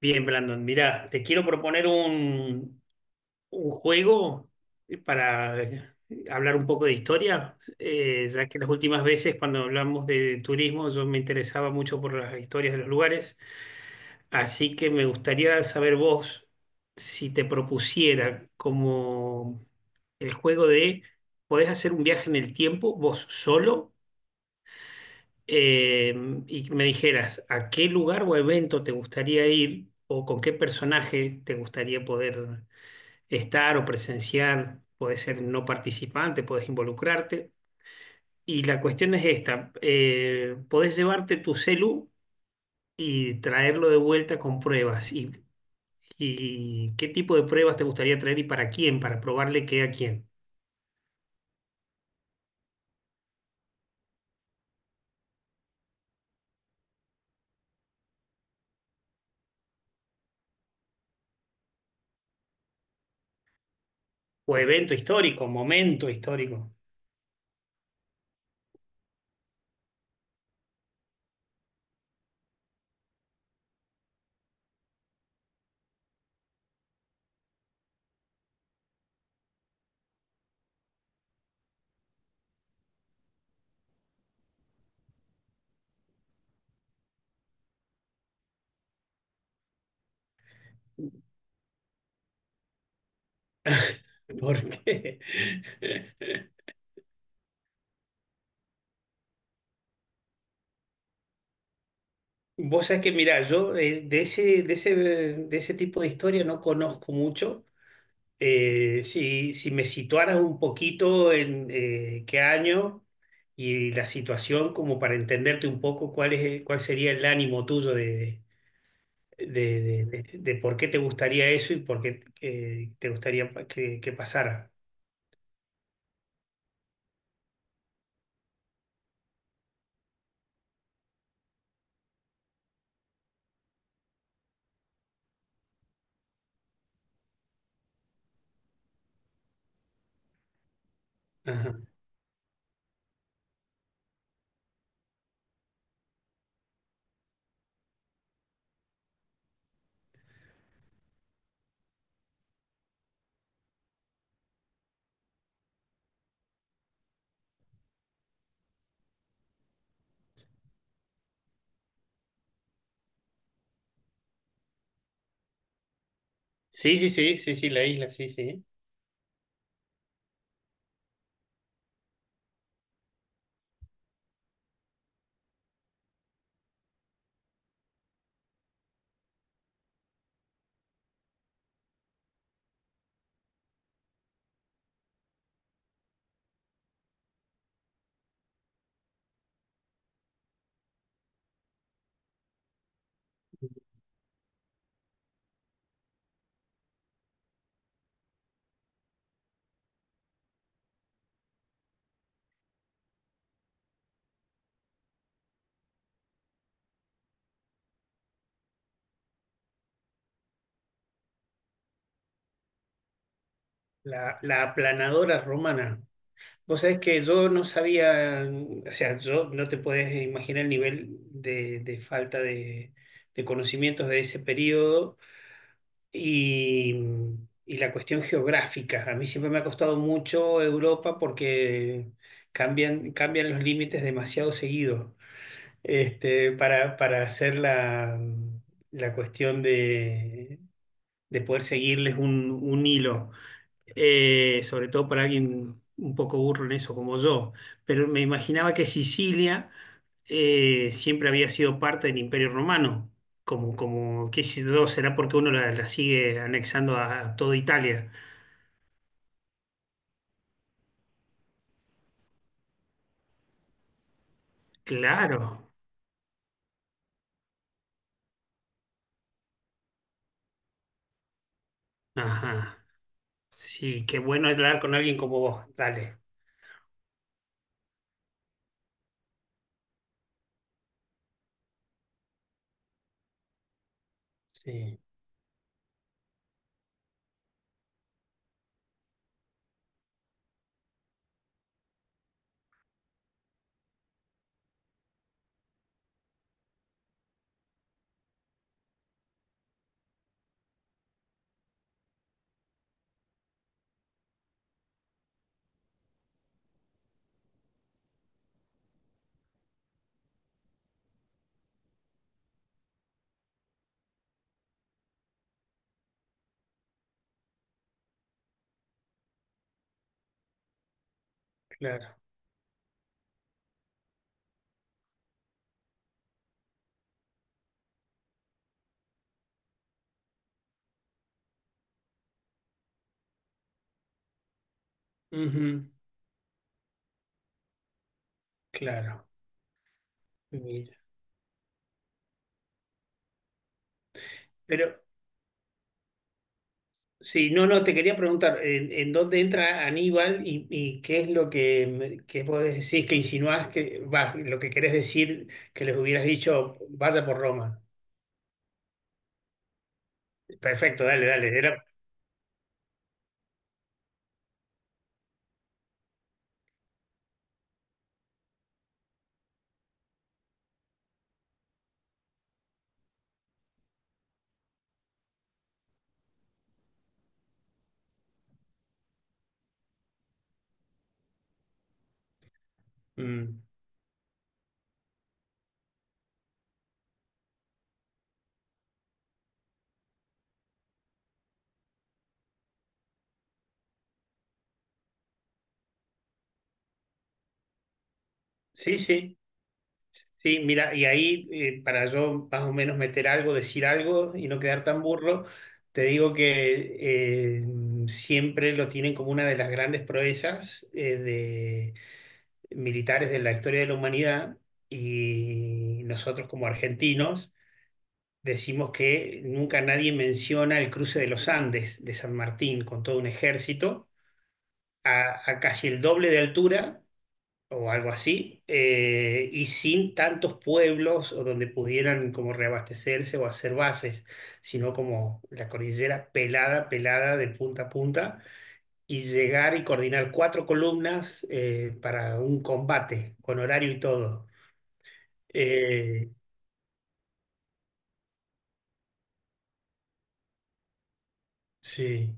Bien, Brandon, mira te quiero proponer un juego para hablar un poco de historia, ya que las últimas veces cuando hablamos de turismo yo me interesaba mucho por las historias de los lugares, así que me gustaría saber vos si te propusiera como el juego ¿podés hacer un viaje en el tiempo vos solo? eh, y me dijeras a qué lugar o evento te gustaría ir o con qué personaje te gustaría poder estar o presenciar, podés ser no participante, podés involucrarte. Y la cuestión es esta, podés llevarte tu celu y traerlo de vuelta con pruebas. Y qué tipo de pruebas te gustaría traer y ¿para quién? Para probarle qué a quién. O evento histórico, momento histórico. Porque Vos sabés que, mirá, yo de ese tipo de historia no conozco mucho. Si me situaras un poquito en qué año y la situación, como para entenderte un poco cuál es, cuál sería el ánimo tuyo de, de por qué te gustaría eso y por qué te gustaría que pasara. Ajá. Sí, sí, sí, sí, sí, la isla, sí, sí. La aplanadora romana. Vos sabés que yo no sabía, o sea, yo no te podés imaginar el nivel de falta de conocimientos de ese periodo y, y la cuestión geográfica. A mí siempre me ha costado mucho Europa porque cambian los límites demasiado seguido, este, para hacer la cuestión de poder seguirles un hilo sobre todo para alguien un poco burro en eso como yo, pero me imaginaba que Sicilia siempre había sido parte del Imperio Romano, como, como qué sé yo, será porque uno la sigue anexando a toda Italia. Claro, ajá, sí, qué bueno es hablar con alguien como vos, dale. Sí, claro, ujú, claro, mira. Pero sí, no, no, te quería preguntar, en dónde entra Aníbal y qué es lo que vos decís, que insinuás que, va, lo que querés decir, que les hubieras dicho, vaya por Roma? Perfecto, dale, dale. Era, mm, sí, sí, sí, mira, y ahí para yo más o menos meter algo, decir algo y no quedar tan burro, te digo que eh, siempre lo tienen como una de las grandes proezas militares de la historia de la humanidad y nosotros como argentinos decimos que nunca nadie menciona el cruce de los Andes de San Martín con todo un ejército a casi el doble de altura o algo así y sin tantos pueblos o donde pudieran como reabastecerse o hacer bases, sino como la cordillera pelada, pelada de punta a punta y llegar y coordinar cuatro columnas para un combate con horario y todo. Eh, sí.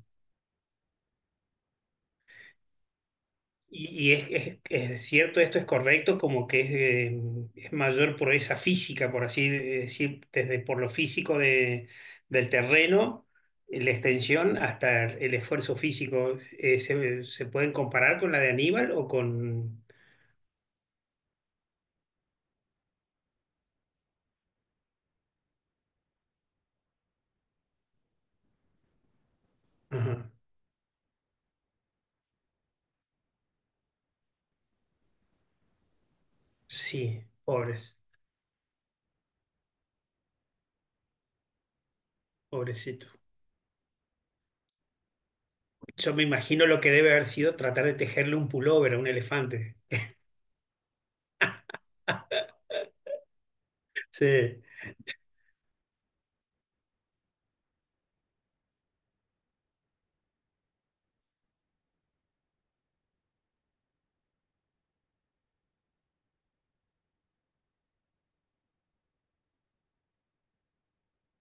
Y es cierto, esto es correcto, como que es mayor proeza física, por así decir, desde por lo físico de, del terreno, la extensión, hasta el esfuerzo físico. Se pueden comparar con la de Aníbal o con... Ajá. Sí, pobres, pobrecito. Yo me imagino lo que debe haber sido tratar de tejerle un pullover a un elefante. Sí,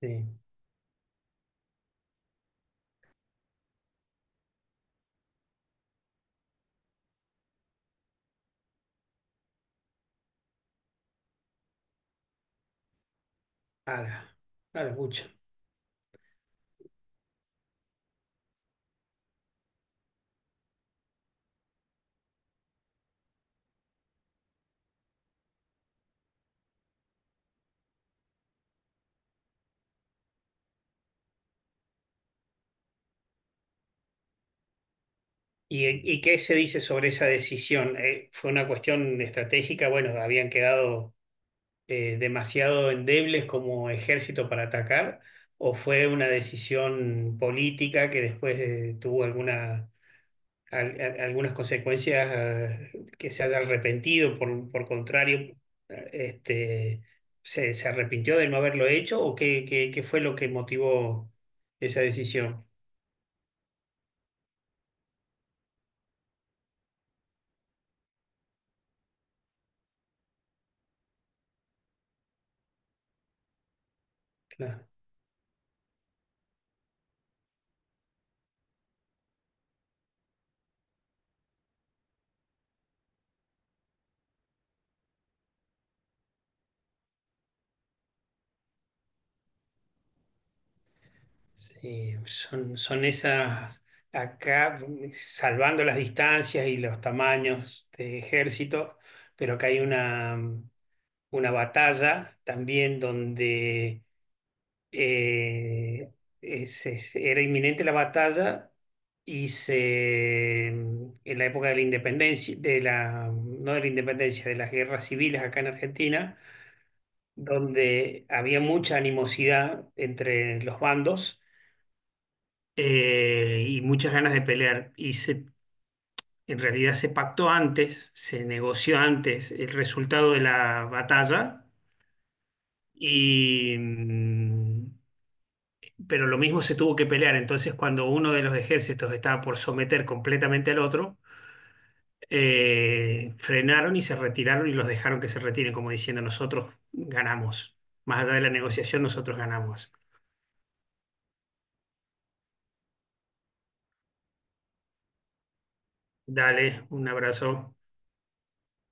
sí. A la, a la pucha. ¿Y, y qué se dice sobre esa decisión? ¿Fue una cuestión estratégica? Bueno, ¿habían quedado demasiado endebles como ejército para atacar? ¿O fue una decisión política que después tuvo alguna, algunas consecuencias que se haya arrepentido? Por contrario, este, se arrepintió de no haberlo hecho? ¿O qué, qué, qué fue lo que motivó esa decisión? Claro. Sí, son, son esas, acá, mm, salvando las distancias y los tamaños de ejército, pero acá hay una, mm, una batalla también donde eh, era inminente la batalla y se, mm, en la época de la independencia, de la, mm, no de la independencia, de las guerras civiles acá en Argentina, donde había mucha animosidad entre los bandos y muchas ganas de pelear. Y se, en realidad se pactó antes, se negoció antes el resultado de la batalla, y, mm, pero lo mismo se tuvo que pelear. Entonces, cuando uno de los ejércitos estaba por someter completamente al otro, frenaron y se retiraron y los dejaron que se retiren, como diciendo, nosotros ganamos. Más allá de la negociación, nosotros ganamos. Dale, un abrazo.